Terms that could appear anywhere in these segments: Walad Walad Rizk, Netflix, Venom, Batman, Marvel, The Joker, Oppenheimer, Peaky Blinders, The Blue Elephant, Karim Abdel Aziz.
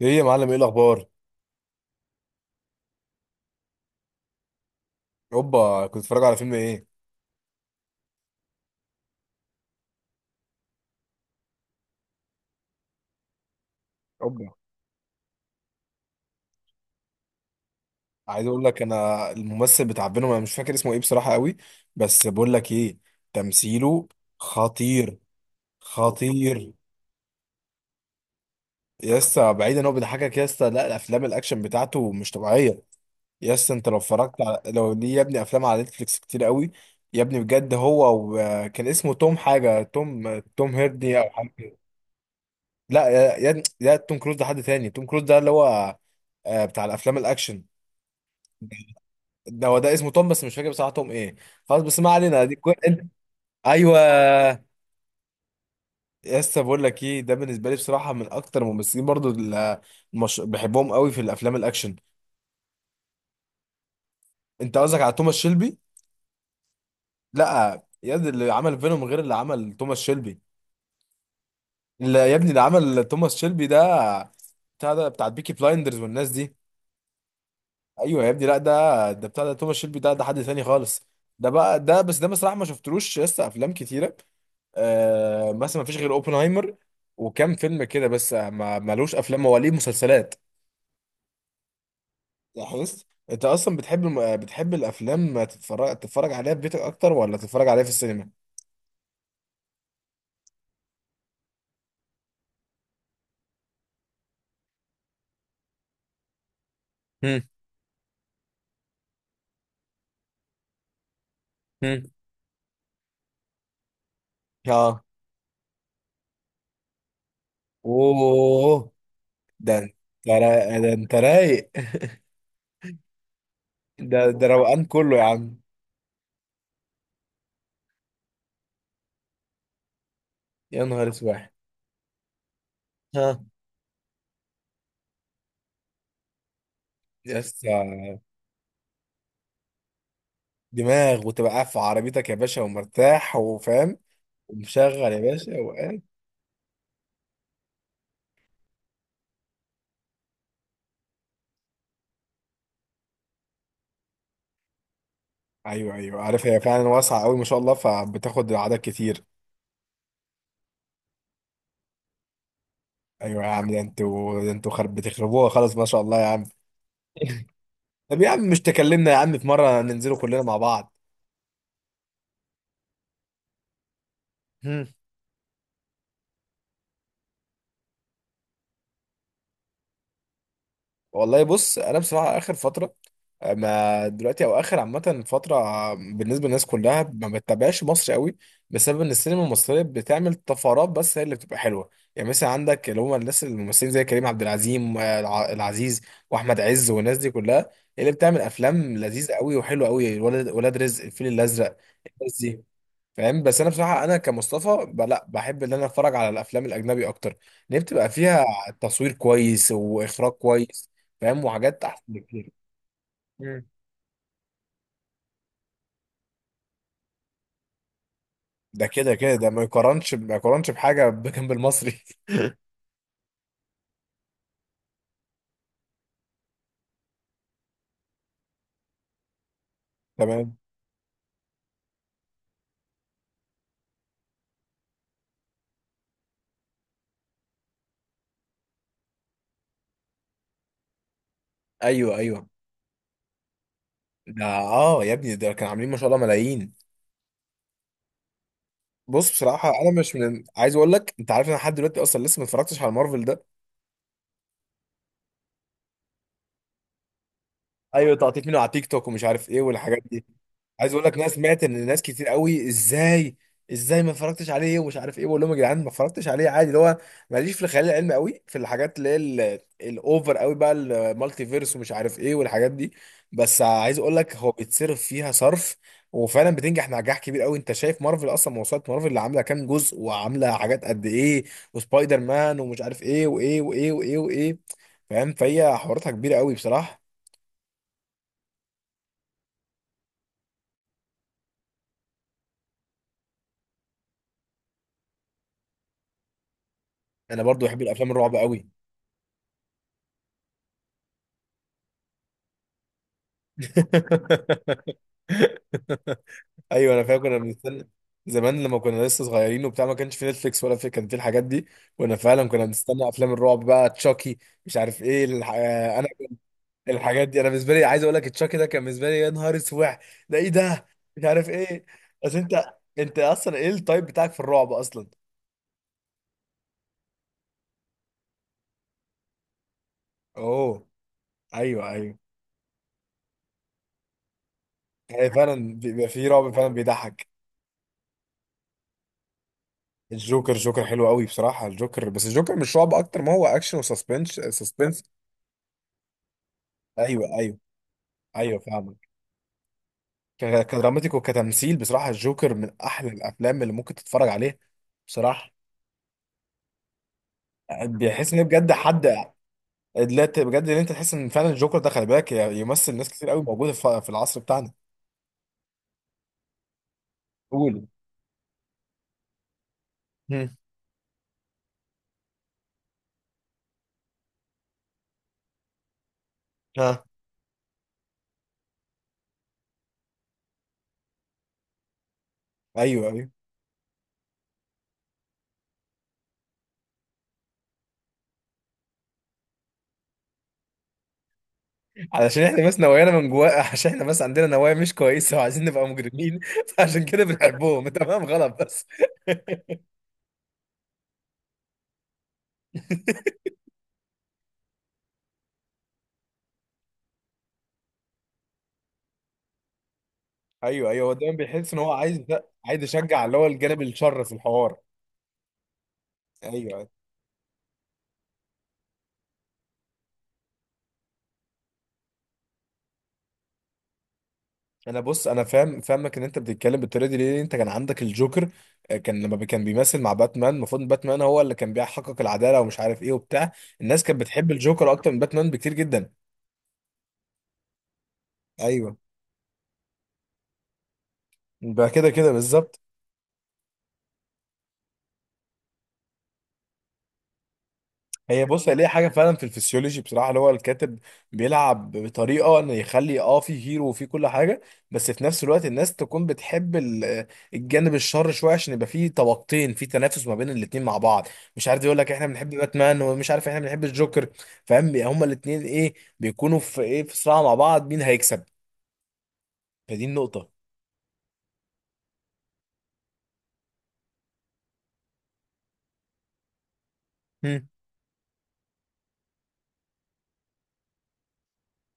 ايه يا معلم، ايه الاخبار؟ اوبا، كنت بتتفرج على فيلم ايه؟ اوبا، عايز اقول لك انا الممثل بتاع بينهم انا مش فاكر اسمه ايه بصراحه قوي. بس بقول لك ايه، تمثيله خطير. خطير. يا اسطى بعيدا ان هو بيضحكك يا اسطى، لا الافلام الاكشن بتاعته مش طبيعيه. يا اسطى انت لو اتفرجت على لو ليه يا ابني افلام على نتفليكس كتير قوي. يا ابني بجد هو وكان اسمه توم حاجه، توم هيردي او حاجه كده. لا لا توم كروز ده حد تاني، توم كروز ده اللي هو بتاع الافلام الاكشن. ده هو ده، اسمه توم بس مش فاكر بصراحه توم ايه. خلاص بس ما علينا، دي كوي انت. ايوه يا اسطى، بقول لك ايه، ده بالنسبه لي بصراحه من اكتر الممثلين برضو اللي مش... بحبهم قوي في الافلام الاكشن. انت قصدك على توماس شيلبي؟ لا يا، دي اللي عمل فينوم غير اللي عمل توماس شيلبي. اللي يا ابني اللي عمل توماس شيلبي ده بتاع ده، بتاع بيكي بلايندرز والناس دي. ايوه يا ابني، لا ده ده بتاع توماس شيلبي ده، ده حد ثاني خالص. ده بس ده بصراحه ما شفتلوش لسه افلام كتيره. آه مثلا ما فيش غير اوبنهايمر وكام فيلم كده بس، ما ملوش افلام هو، ليه مسلسلات. لاحظت انت اصلا بتحب بتحب الافلام، تتفرج عليها في بيتك اكتر ولا تتفرج عليها في السينما؟ هم. هم. اه. اوه. ده انت، ده انت رايق. ده ده روقان كله يا عم. يا نهار اسود. ها. يس. دماغ، وتبقى قاعد في عربيتك يا باشا ومرتاح وفاهم، ومشغل يا باشا وقاعد. ايوه ايوه، عارف هي فعلا واسعه قوي ما شاء الله، فبتاخد اعداد كتير. ايوه يا عم، ده انتوا خرب بتخربوها، خلاص ما شاء الله يا عم. طب يا عم مش تكلمنا يا عم في مره ننزلوا كلنا مع بعض؟ والله بص انا بصراحه اخر فتره، ما دلوقتي او اخر عامه فتره بالنسبه للناس كلها ما بتتابعش مصر قوي، بسبب ان السينما المصريه بتعمل طفرات بس هي اللي بتبقى حلوه. يعني مثلا عندك اللي هم الناس الممثلين زي كريم عبد العزيز العزيز، واحمد عز والناس دي كلها، هي اللي بتعمل افلام لذيذه قوي وحلوه قوي، ولاد رزق، الفيل الازرق. الناس دي، فاهم؟ بس انا بصراحه انا كمصطفى لا بحب ان انا اتفرج على الافلام الاجنبي اكتر، لان بتبقى فيها تصوير كويس واخراج كويس، فاهم، وحاجات احسن بكتير. مم. ده كده كده، ده ما يقارنش بحاجه بجنب المصري. تمام. ايوه ايوه. ده اه يا ابني، ده كانوا عاملين ما شاء الله ملايين. بص بصراحه انا مش من، عايز اقول لك انت عارف، انا لحد دلوقتي اصلا لسه ما اتفرجتش على مارفل ده. ايوه، تقطيع منه على تيك توك ومش عارف ايه والحاجات دي. عايز اقول لك، ناس، سمعت ان ناس كتير قوي، ازاي ما اتفرجتش عليه ومش عارف ايه، بقول لهم يا جدعان ما اتفرجتش عليه عادي. اللي هو ماليش في الخيال العلمي قوي، في الحاجات اللي هي الاوفر قوي بقى، المالتي فيرس ومش عارف ايه والحاجات دي. بس عايز اقول لك هو بيتصرف فيها صرف، وفعلا بتنجح نجاح كبير قوي. انت شايف مارفل اصلا، موسوعه مارفل اللي عامله كام جزء وعامله حاجات قد ايه، وسبايدر مان ومش عارف ايه، وايه وايه وايه وايه. فاهم، فهي حواراتها كبيره قوي بصراحه. انا برضو بحب الافلام الرعب قوي. ايوه انا فاكر كنا بنستنى زمان، لما كنا لسه صغيرين وبتاع، ما كانش في نتفليكس ولا في، كان في الحاجات دي. وانا فعلا كنا بنستنى افلام الرعب بقى، تشاكي مش عارف ايه الح... آه، انا الحاجات دي، انا بالنسبه لي عايز اقول لك تشاكي ده كان بالنسبه لي يا نهار اسود. ده ايه ده، مش عارف ايه. بس انت اصلا ايه التايب بتاعك في الرعب اصلا؟ اوه. ايوه ايوه. هي فعلا بيبقى في رعب فعلا بيضحك. الجوكر، الجوكر حلو قوي بصراحة الجوكر، بس الجوكر مش رعب، أكتر ما هو أكشن وسسبنس، سسبنس. أيوه أيوه أيوه، فاهمك. كدراماتيك وكتمثيل، بصراحة الجوكر من أحلى الأفلام اللي ممكن تتفرج عليها بصراحة. بيحس إن هي بجد حد. لا بجد إن أنت تحس إن فعلا الجوكر ده، خلي بالك، يمثل ناس كتير قوي موجودة في في العصر بتاعنا. قول. هم. ها. ايوه ايوه، علشان احنا بس نوايانا من جوا. عشان احنا بس عندنا نوايا مش كويسه وعايزين نبقى مجرمين. فعشان كده بنحبهم. تمام غلط. ايوه ايوه، هو دايما بيحس ان هو عايز، عايز يشجع اللي هو الجانب الشر في الحوار. ايوه. انا بص انا فاهم، فاهمك ان انت بتتكلم بالطريقه دي ليه، انت كان عندك الجوكر كان لما كان بيمثل مع باتمان، المفروض إن باتمان هو اللي كان بيحقق العداله ومش عارف ايه وبتاع، الناس كانت بتحب الجوكر اكتر من باتمان بكتير جدا. ايوه، ده كده كده بالظبط. هي بص، هي ليها حاجه فعلا في الفسيولوجي بصراحه، اللي هو الكاتب بيلعب بطريقه انه يخلي اه في هيرو وفي كل حاجه، بس في نفس الوقت الناس تكون بتحب الجانب الشر شويه، عشان يبقى في طبقتين في تنافس ما بين الاتنين مع بعض. مش عارف، يقول لك احنا بنحب باتمان ومش عارف احنا بنحب الجوكر. فاهم، هما الاتنين ايه، بيكونوا في ايه، في صراع مع بعض، مين هيكسب. فدي النقطه. هم.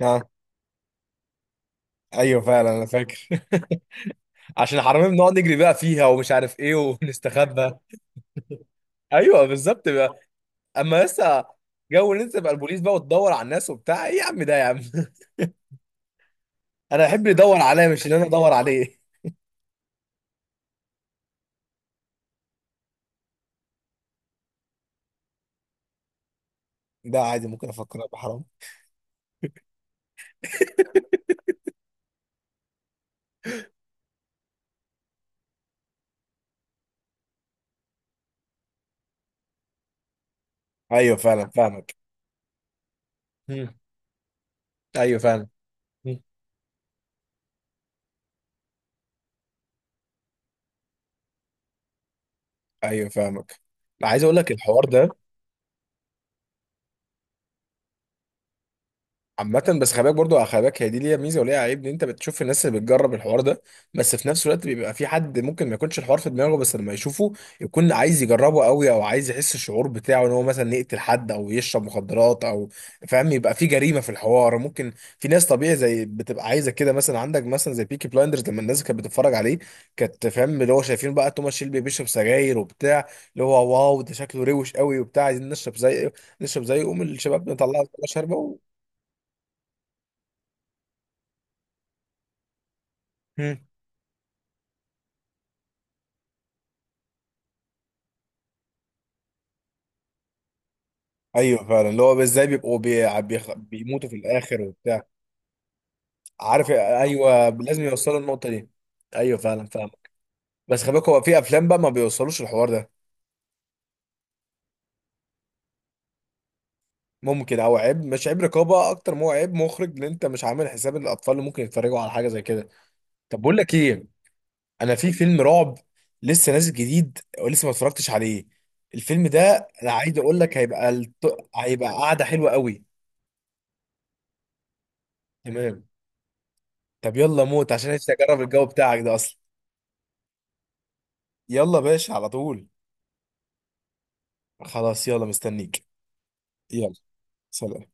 اه. ايوه فعلا، انا فاكر. عشان حرامي بنقعد نجري بقى فيها ومش عارف ايه، ونستخبى. ايوه بالظبط. اما لسه جو ان انت تبقى البوليس بقى وتدور على الناس وبتاع، ايه يا عم ده يا عم. انا احب اللي يدور عليا مش ان انا ادور عليه. ده عادي ممكن افكر ابقى حرام. ايوه فعلا، فاهمك. مم. ايوه فعلا. مم. ايوه فاهمك. عايز اقول لك الحوار ده عامة، بس خلي بالك برضه، خلي بالك هي دي ليها ميزة وليها عيب، ان انت بتشوف الناس اللي بتجرب الحوار ده، بس في نفس الوقت بيبقى في حد ممكن ما يكونش الحوار في دماغه، بس لما يشوفه يكون عايز يجربه قوي، او عايز يحس الشعور بتاعه، ان هو مثلا يقتل حد او يشرب مخدرات او، فاهم، يبقى في جريمة في الحوار، ممكن. في ناس طبيعي زي، بتبقى عايزة كده، مثلا عندك مثلا زي بيكي بلايندرز لما الناس كانت بتتفرج عليه، كانت فاهم اللي هو شايفين بقى توماس شيلبي بيشرب سجاير وبتاع، اللي هو واو ده شكله روش قوي وبتاع، عايزين نشرب زي، نشرب زي، قوم الشباب نطلعه شاربه و... مم. ايوه فعلا، اللي هو ازاي بيبقوا بيموتوا في الاخر وبتاع. عارف، ايوه لازم يوصلوا النقطه دي. ايوه فعلا فعلا. بس خلي بالك هو في افلام بقى ما بيوصلوش الحوار ده. ممكن، او عيب، مش عيب رقابه اكتر ما هو عيب مخرج، ان انت مش عامل حساب الاطفال اللي ممكن يتفرجوا على حاجه زي كده. طب بقول لك ايه، انا في فيلم رعب لسه نازل جديد ولسه ما اتفرجتش عليه، الفيلم ده انا عايز اقول لك هيبقى هيبقى قعده حلوه قوي. تمام. طب يلا موت عشان نفسي اجرب الجو بتاعك ده اصلا. يلا باشا على طول. خلاص يلا مستنيك. يلا. سلام.